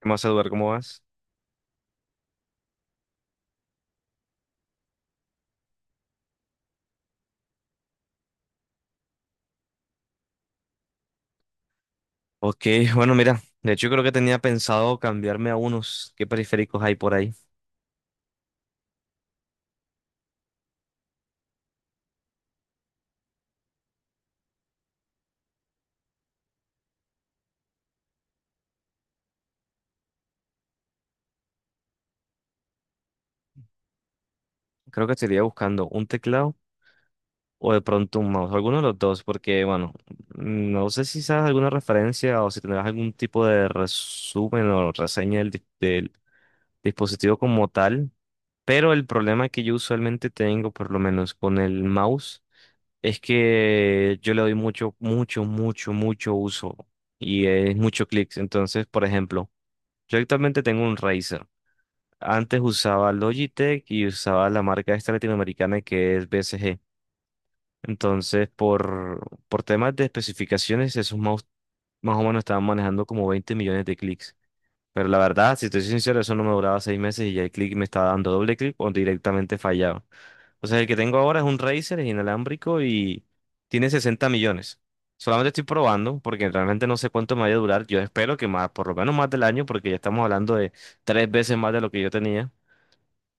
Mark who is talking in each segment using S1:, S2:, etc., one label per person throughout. S1: ¿Qué más, Eduardo? ¿Cómo vas? Ok, bueno, mira, de hecho creo que tenía pensado cambiarme a unos. ¿Qué periféricos hay por ahí? Creo que estaría buscando un teclado o de pronto un mouse, alguno de los dos, porque bueno, no sé si sabes alguna referencia o si tendrás algún tipo de resumen o reseña del dispositivo como tal, pero el problema que yo usualmente tengo, por lo menos con el mouse, es que yo le doy mucho, mucho, mucho, mucho uso y es mucho clics. Entonces, por ejemplo, yo actualmente tengo un Razer. Antes usaba Logitech y usaba la marca esta latinoamericana que es BSG. Entonces, por temas de especificaciones, esos mouse más o menos estaban manejando como 20 millones de clics. Pero la verdad, si te soy sincero, eso no me duraba seis meses y ya el clic me estaba dando doble clic o directamente fallaba. O sea, el que tengo ahora es un Razer, es inalámbrico y tiene 60 millones. Solamente estoy probando porque realmente no sé cuánto me vaya a durar. Yo espero que más, por lo menos más del año, porque ya estamos hablando de tres veces más de lo que yo tenía.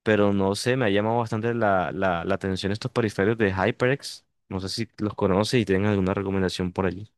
S1: Pero no sé, me ha llamado bastante la atención estos periféricos de HyperX. No sé si los conoces y tienen alguna recomendación por allí.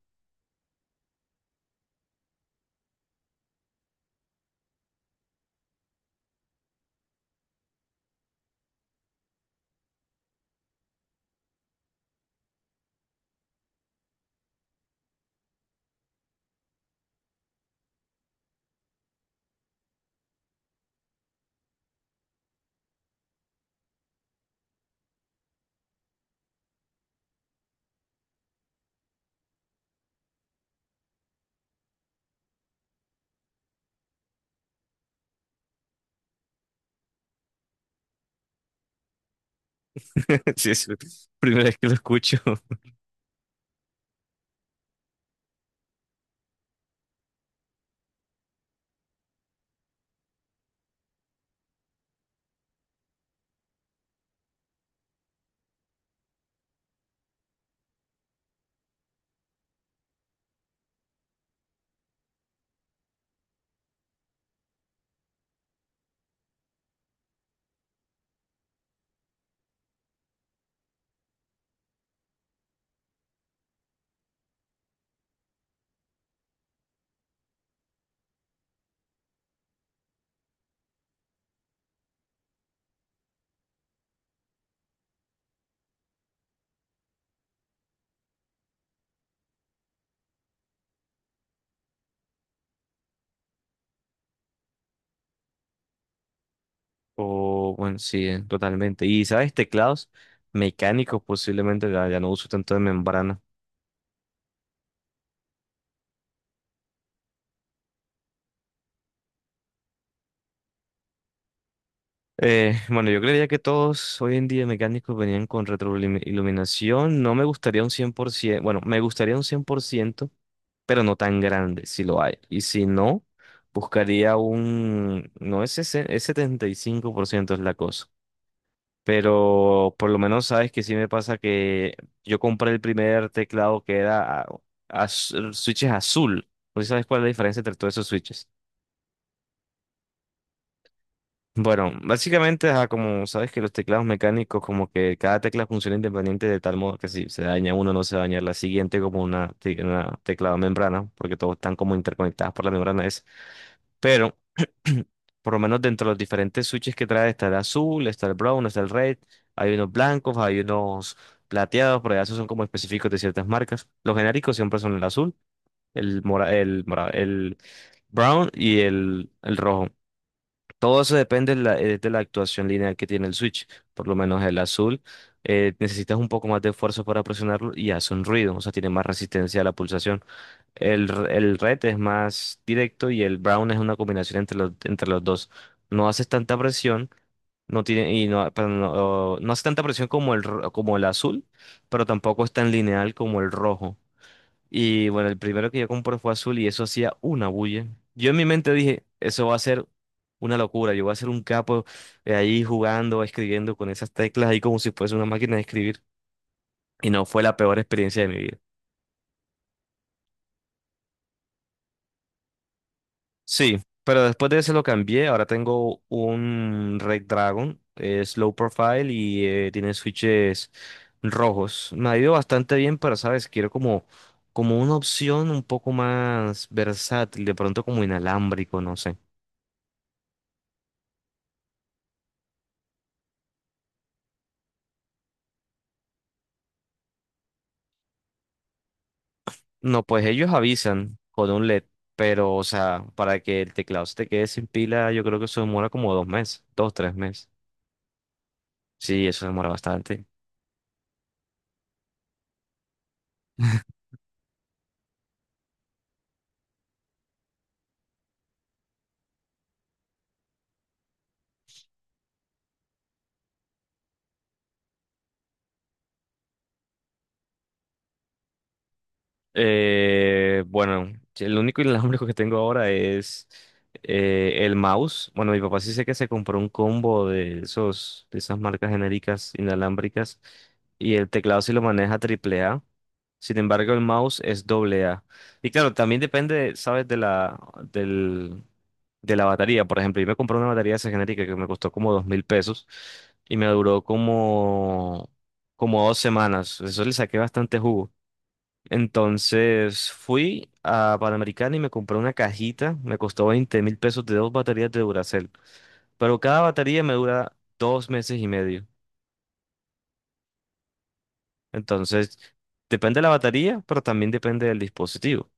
S1: Sí, es la primera vez que lo escucho. O bueno, sí, totalmente. Y sabes, teclados mecánicos posiblemente, ya no uso tanto de membrana. Bueno, yo creía que todos hoy en día mecánicos venían con retroiluminación. No me gustaría un 100%, bueno, me gustaría un 100%, pero no tan grande, si lo hay. Y si no, buscaría un, no es, es 75% es la cosa. Pero por lo menos sabes que sí me pasa que yo compré el primer teclado que era switches azul. No sé si sabes cuál es la diferencia entre todos esos switches. Bueno, básicamente, ajá, como sabes que los teclados mecánicos, como que cada tecla funciona independiente de tal modo que si se daña uno, no se daña la siguiente, como una teclado membrana, porque todos están como interconectados por la membrana es. Pero, por lo menos dentro de los diferentes switches que trae, está el azul, está el brown, está el red, hay unos blancos, hay unos plateados, pero ya esos son como específicos de ciertas marcas. Los genéricos siempre son el azul, el brown y el rojo. Todo eso depende de la actuación lineal que tiene el switch. Por lo menos el azul, necesitas un poco más de esfuerzo para presionarlo y hace un ruido, o sea, tiene más resistencia a la pulsación. El red es más directo y el brown es una combinación entre los dos. No haces tanta presión, no tiene, y no, perdón, no hace tanta presión como como el azul, pero tampoco es tan lineal como el rojo. Y bueno, el primero que yo compré fue azul y eso hacía una bulla. Yo en mi mente dije, eso va a ser una locura, yo voy a ser un capo ahí jugando, escribiendo con esas teclas ahí como si fuese una máquina de escribir. Y no fue la peor experiencia de mi vida. Sí, pero después de ese lo cambié, ahora tengo un Red Dragon, es Slow Profile y tiene switches rojos. Me ha ido bastante bien, pero sabes, quiero como, como una opción un poco más versátil, de pronto como inalámbrico, no sé. No, pues ellos avisan con un LED, pero, o sea, para que el teclado se te quede sin pila, yo creo que eso demora como 2 meses, dos, 3 meses. Sí, eso demora bastante. Bueno, sí, el único inalámbrico que tengo ahora es el mouse. Bueno, mi papá sí sé que se compró un combo de esos, de esas marcas genéricas inalámbricas y el teclado sí lo maneja triple A. Sin embargo, el mouse es doble A. Y claro, también depende, ¿sabes? Del, de la batería. Por ejemplo, yo me compré una batería de esa genérica que me costó como 2.000 pesos y me duró como, como dos semanas. Eso le saqué bastante jugo. Entonces fui a Panamericana y me compré una cajita. Me costó 20 mil pesos de dos baterías de Duracell. Pero cada batería me dura 2 meses y medio. Entonces, depende de la batería, pero también depende del dispositivo.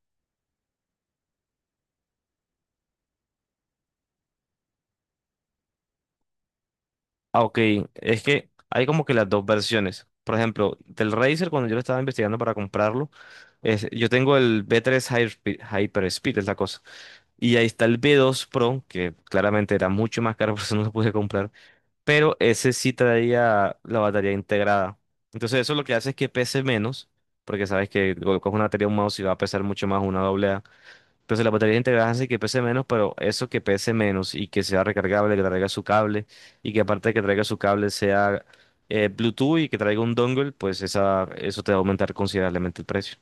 S1: Ah, ok. Es que hay como que las dos versiones. Por ejemplo, del Razer, cuando yo lo estaba investigando para comprarlo, yo tengo el B3 Hyper, Hyperspeed, es la cosa. Y ahí está el B2 Pro, que claramente era mucho más caro, por eso no lo pude comprar, pero ese sí traía la batería integrada. Entonces eso lo que hace es que pese menos, porque sabes que colocas una batería un mouse y va a pesar mucho más una doble A. Entonces la batería integrada hace que pese menos, pero eso que pese menos y que sea recargable, que traiga su cable y que aparte de que traiga su cable sea Bluetooth y que traiga un dongle, pues esa, eso te va a aumentar considerablemente el precio.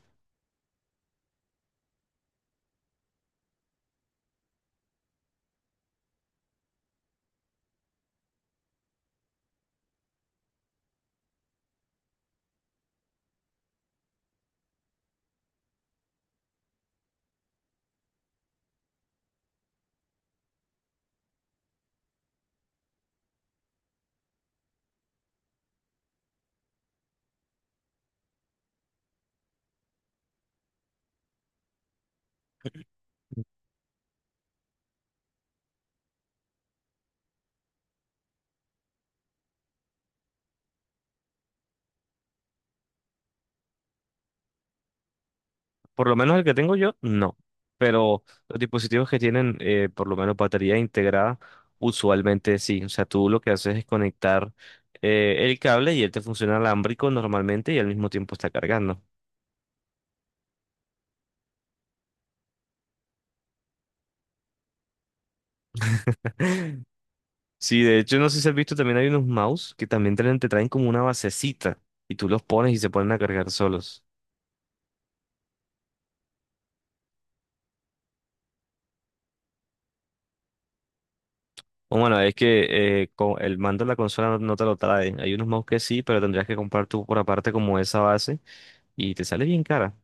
S1: Por lo menos el que tengo yo, no. Pero los dispositivos que tienen, por lo menos batería integrada, usualmente sí. O sea, tú lo que haces es conectar el cable y él te funciona alámbrico normalmente y al mismo tiempo está cargando. Sí, de hecho, no sé si has visto, también hay unos mouse que también te traen como una basecita y tú los pones y se ponen a cargar solos. O bueno, es que con el mando de la consola no, no te lo trae. Hay unos mouse que sí, pero tendrías que comprar tú por aparte como esa base y te sale bien cara.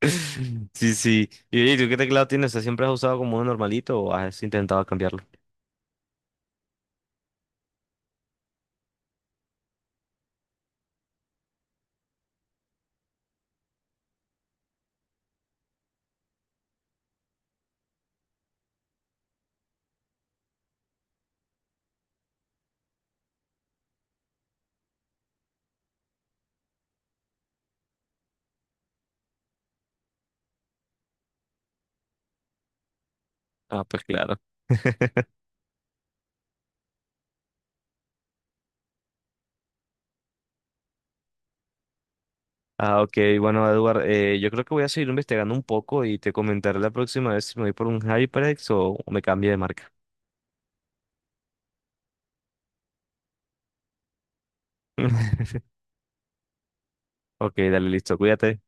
S1: Sí, sí. Y oye, ¿tú qué teclado tienes? ¿Te Siempre has usado como uno normalito o has intentado cambiarlo? Ah, pues claro. Ah, ok. Bueno, Edward, yo creo que voy a seguir investigando un poco y te comentaré la próxima vez si me voy por un HyperX o me cambio de marca. Ok, dale, listo. Cuídate.